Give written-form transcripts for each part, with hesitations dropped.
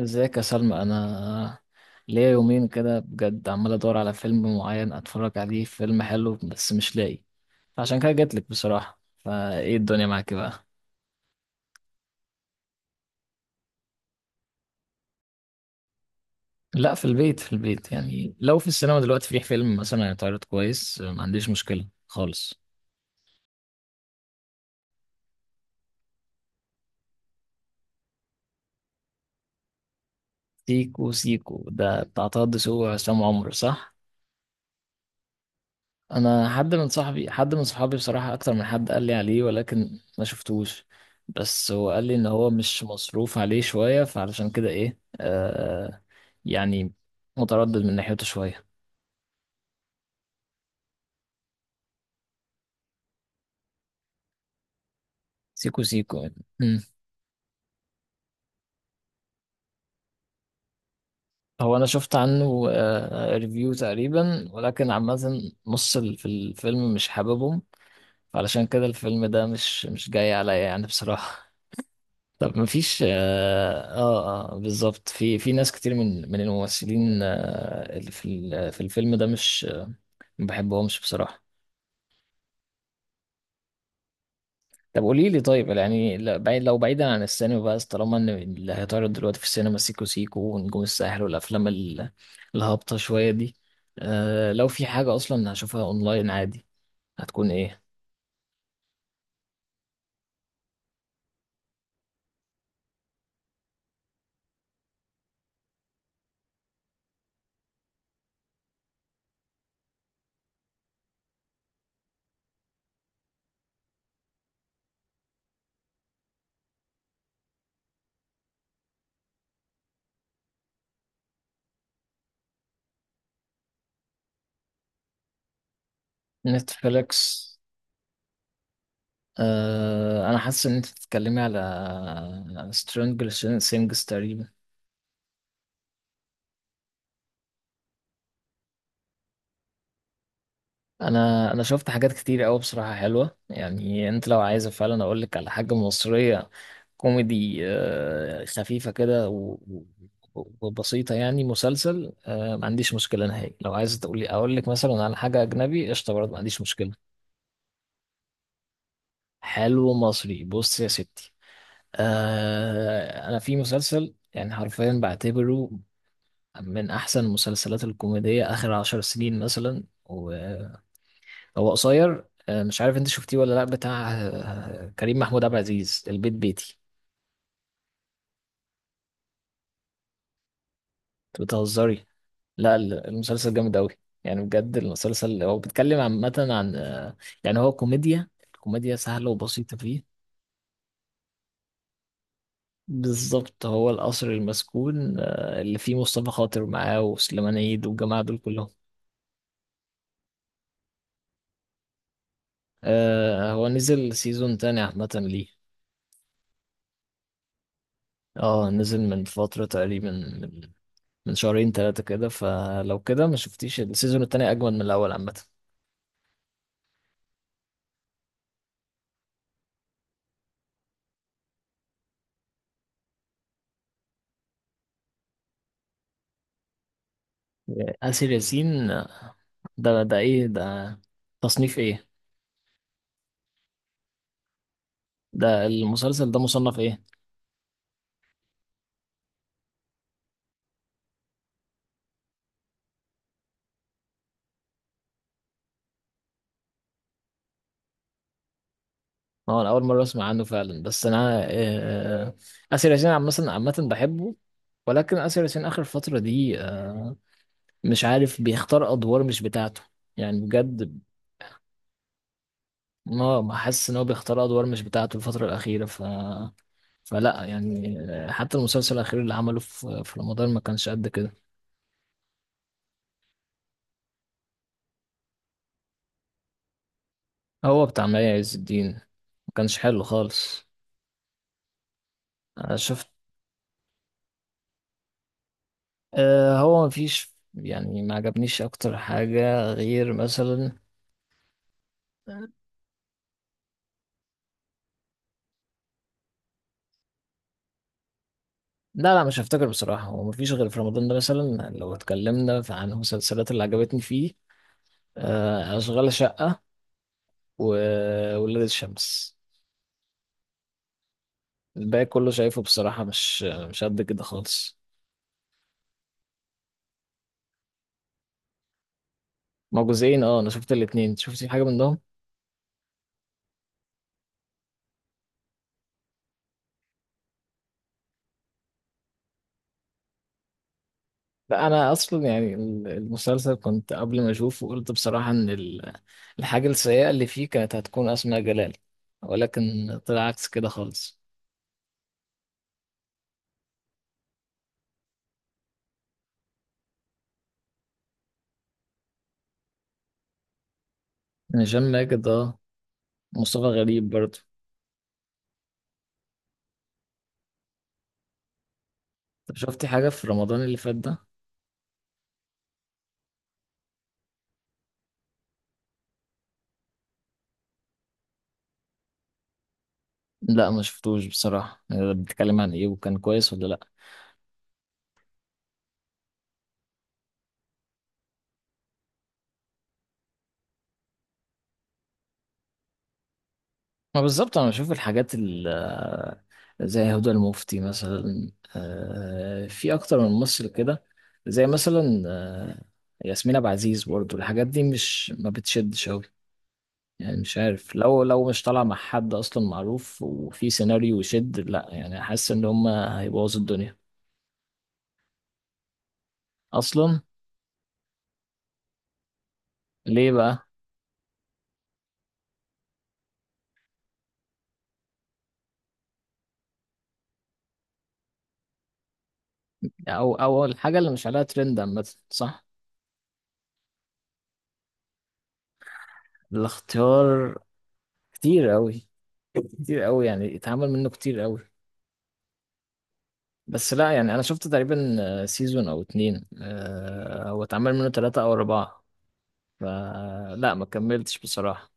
ازيك يا سلمى؟ انا ليا يومين كده بجد عمال ادور على فيلم معين اتفرج عليه، فيلم حلو بس مش لاقي. عشان كده جاتلك بصراحة، فايه الدنيا معاك بقى؟ لا، في البيت في البيت. يعني لو في السينما دلوقتي في فيلم مثلا هيتعرض كويس ما عنديش مشكلة خالص. سيكو سيكو ده بتاع طه دسوقي وعصام عمر، صح؟ انا حد من صحابي بصراحة، اكتر من حد قال لي عليه ولكن ما شفتوش. بس هو قال لي ان هو مش مصروف عليه شوية، فعلشان كده ايه يعني متردد من ناحيته شوية. سيكو سيكو يعني. مم. هو انا شفت عنه ريفيو تقريبا، ولكن عامة في الفيلم مش حاببهم. فعلشان كده الفيلم ده مش جاي عليا يعني بصراحة. طب ما فيش. بالظبط في ناس كتير من الممثلين اللي في الفيلم ده مش ما بحبهمش بصراحة. طب قولي لي، طيب يعني لا- بعيد لو بعيدا عن السينما بقى، طالما ان اللي هيتعرض دلوقتي في السينما سيكو سيكو ونجوم الساحل والافلام الهابطة شوية دي. لو في حاجة اصلا هشوفها اونلاين عادي، هتكون ايه؟ نتفليكس. انا حاسس ان انت بتتكلمي على سترينجر سينجز تقريبا. انا شفت حاجات كتير قوي بصراحه حلوه. يعني انت لو عايزه فعلا اقول لك على حاجه مصريه كوميدي، خفيفه كده وبسيطه، يعني مسلسل، ما عنديش مشكله نهائي. لو عايزه تقولي اقول لك مثلا على حاجه اجنبي قشطه برضه ما عنديش مشكله. حلو مصري، بص يا ستي. انا في مسلسل يعني حرفيا بعتبره من احسن المسلسلات الكوميديه اخر 10 سنين مثلا. هو قصير، مش عارف انت شفتيه ولا لا. بتاع كريم محمود عبد العزيز، البيت بيتي. انت بتهزري؟ لا، المسلسل جامد قوي. يعني بجد، المسلسل هو بيتكلم عامة عن يعني هو كوميديا. كوميديا سهلة وبسيطة فيه. بالظبط، هو القصر المسكون اللي فيه مصطفى خاطر معاه وسليمان عيد والجماعة دول كلهم. هو نزل سيزون تاني عامة. ليه؟ اه نزل من فترة، تقريبا من شهرين ثلاثة كده. فلو كده ما شفتيش السيزون التاني، أجمل من الأول عامة. آسر ياسين، ده إيه ده؟ تصنيف إيه؟ ده المسلسل ده مصنف إيه؟ هو أنا أول مرة أسمع عنه فعلا، بس أنا آه، آسر ياسين عامة عامة بحبه. ولكن آسر ياسين آخر فترة دي مش عارف، بيختار أدوار مش بتاعته يعني بجد. ما حاسس إن هو بيختار أدوار مش بتاعته الفترة الأخيرة. فلا يعني حتى المسلسل الأخير اللي عمله في رمضان ما كانش قد كده. هو بتاع مي عز الدين، ما كانش حلو خالص. انا شفت، هو مفيش يعني ما عجبنيش اكتر حاجة غير مثلا. لا، لا، مش هفتكر بصراحة. هو مفيش غير في رمضان ده، مثلا لو اتكلمنا عن المسلسلات اللي عجبتني فيه، أشغال شقة وولاد الشمس. الباقي كله شايفه بصراحة مش قد كده خالص. ما هو جزئين. اه انا شفت الاتنين، شفتي حاجة منهم؟ لا، انا اصلا يعني المسلسل، كنت قبل ما اشوفه قلت بصراحه ان الحاجه السيئه اللي فيه كانت هتكون اسماء جلال، ولكن طلع عكس كده خالص. يعني هشام ماجد، مصطفى غريب برضه. طب شفتي حاجه في رمضان اللي فات ده؟ لا، ما شفتوش بصراحه. يعني ده بيتكلم عن ايه؟ وكان كويس ولا لا؟ ما بالظبط، انا بشوف الحاجات زي هدى المفتي مثلا، في اكتر من ممثل كده زي مثلا ياسمين عبد العزيز، برضو الحاجات دي مش ما بتشدش قوي. يعني مش عارف، لو مش طالع مع حد اصلا معروف وفي سيناريو يشد، لا يعني حاسس ان هم هيبوظوا الدنيا اصلا. ليه بقى؟ او اول حاجه اللي مش عليها ترند عامه، صح؟ الاختيار كتير قوي. كتير قوي يعني، اتعمل منه كتير قوي. بس لا يعني، انا شفت تقريبا سيزون او اتنين، هو اتعمل منه تلاتة او اربعة. فلا، ما كملتش بصراحة.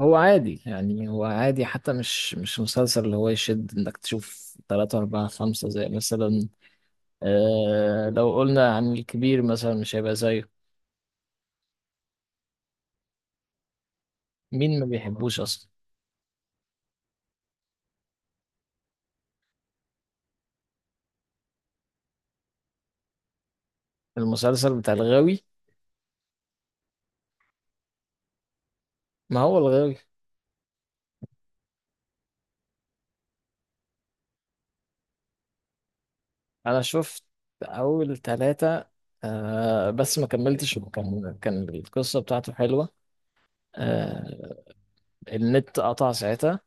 هو عادي يعني، هو عادي. حتى مش مسلسل اللي هو يشد انك تشوف تلاتة اربعة خمسة، زي مثلا لو قلنا عن الكبير مثلا مش هيبقى زيه. مين ما بيحبوش اصلا؟ المسلسل بتاع الغاوي؟ ما هو الغاوي. انا شفت اول تلاتة، بس ما كملتش. كان القصة بتاعته حلوة، آه، النت قطع ساعتها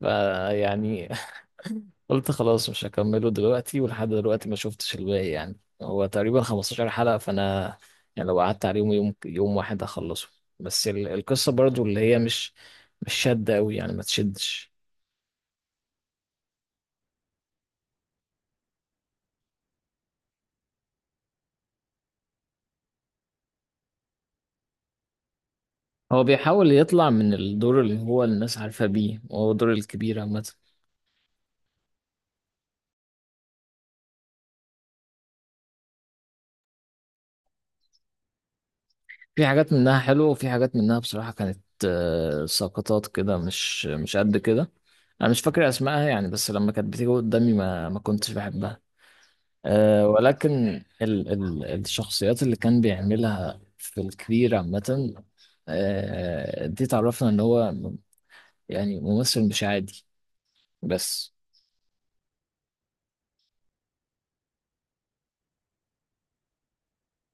فيعني قلت خلاص مش هكمله دلوقتي، ولحد دلوقتي ما شفتش الباقي. يعني هو تقريبا 15 حلقة، فأنا يعني لو قعدت عليهم يوم يوم واحد هخلصه. بس القصة برضو اللي هي مش شادة أوي، يعني ما تشدش. هو بيحاول يطلع من الدور اللي هو الناس عارفة بيه، وهو دور الكبير عامة. في حاجات منها حلوة، وفي حاجات منها بصراحة كانت سقطات كده، مش قد كده. انا مش فاكر اسمائها يعني، بس لما كانت بتيجي قدامي ما كنتش بحبها. ولكن ال ال الشخصيات اللي كان بيعملها في الكبير عامة، دي تعرفنا ان هو يعني ممثل مش عادي. بس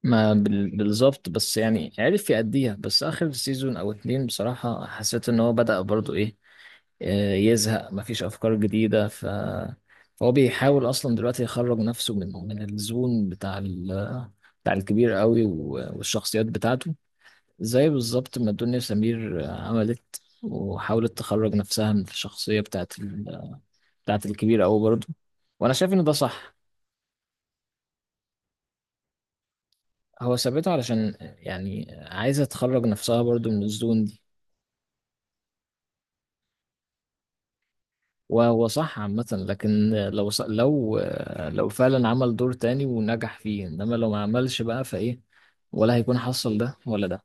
ما بالظبط، بس يعني عرف يأديها. بس آخر سيزون أو اتنين، بصراحة حسيت ان هو بدأ برضو ايه، يزهق، مفيش أفكار جديدة. فهو بيحاول أصلا دلوقتي يخرج نفسه من الزون بتاع بتاع الكبير قوي، والشخصيات بتاعته. زي بالظبط ما دنيا سمير عملت وحاولت تخرج نفسها من الشخصية بتاعت الكبير أوي برضه، وأنا شايف إن ده صح. هو ثابته علشان يعني عايزة تخرج نفسها برضه من الزون دي. وهو صح عامة، لكن لو ص... لو آه، لو فعلا عمل دور تاني ونجح فيه، إنما لو ما عملش بقى، فإيه؟ ولا هيكون حصل ده، ولا ده.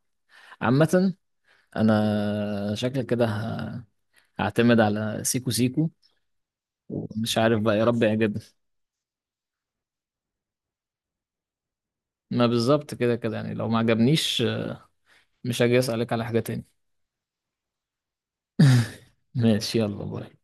عامة، أنا شكلك كده هعتمد على سيكو سيكو، ومش عارف بقى، يا رب يعجبني. ما بالظبط، كده كده يعني لو ما عجبنيش مش هاجي اسالك على حاجه تاني. ماشي، يلا باي.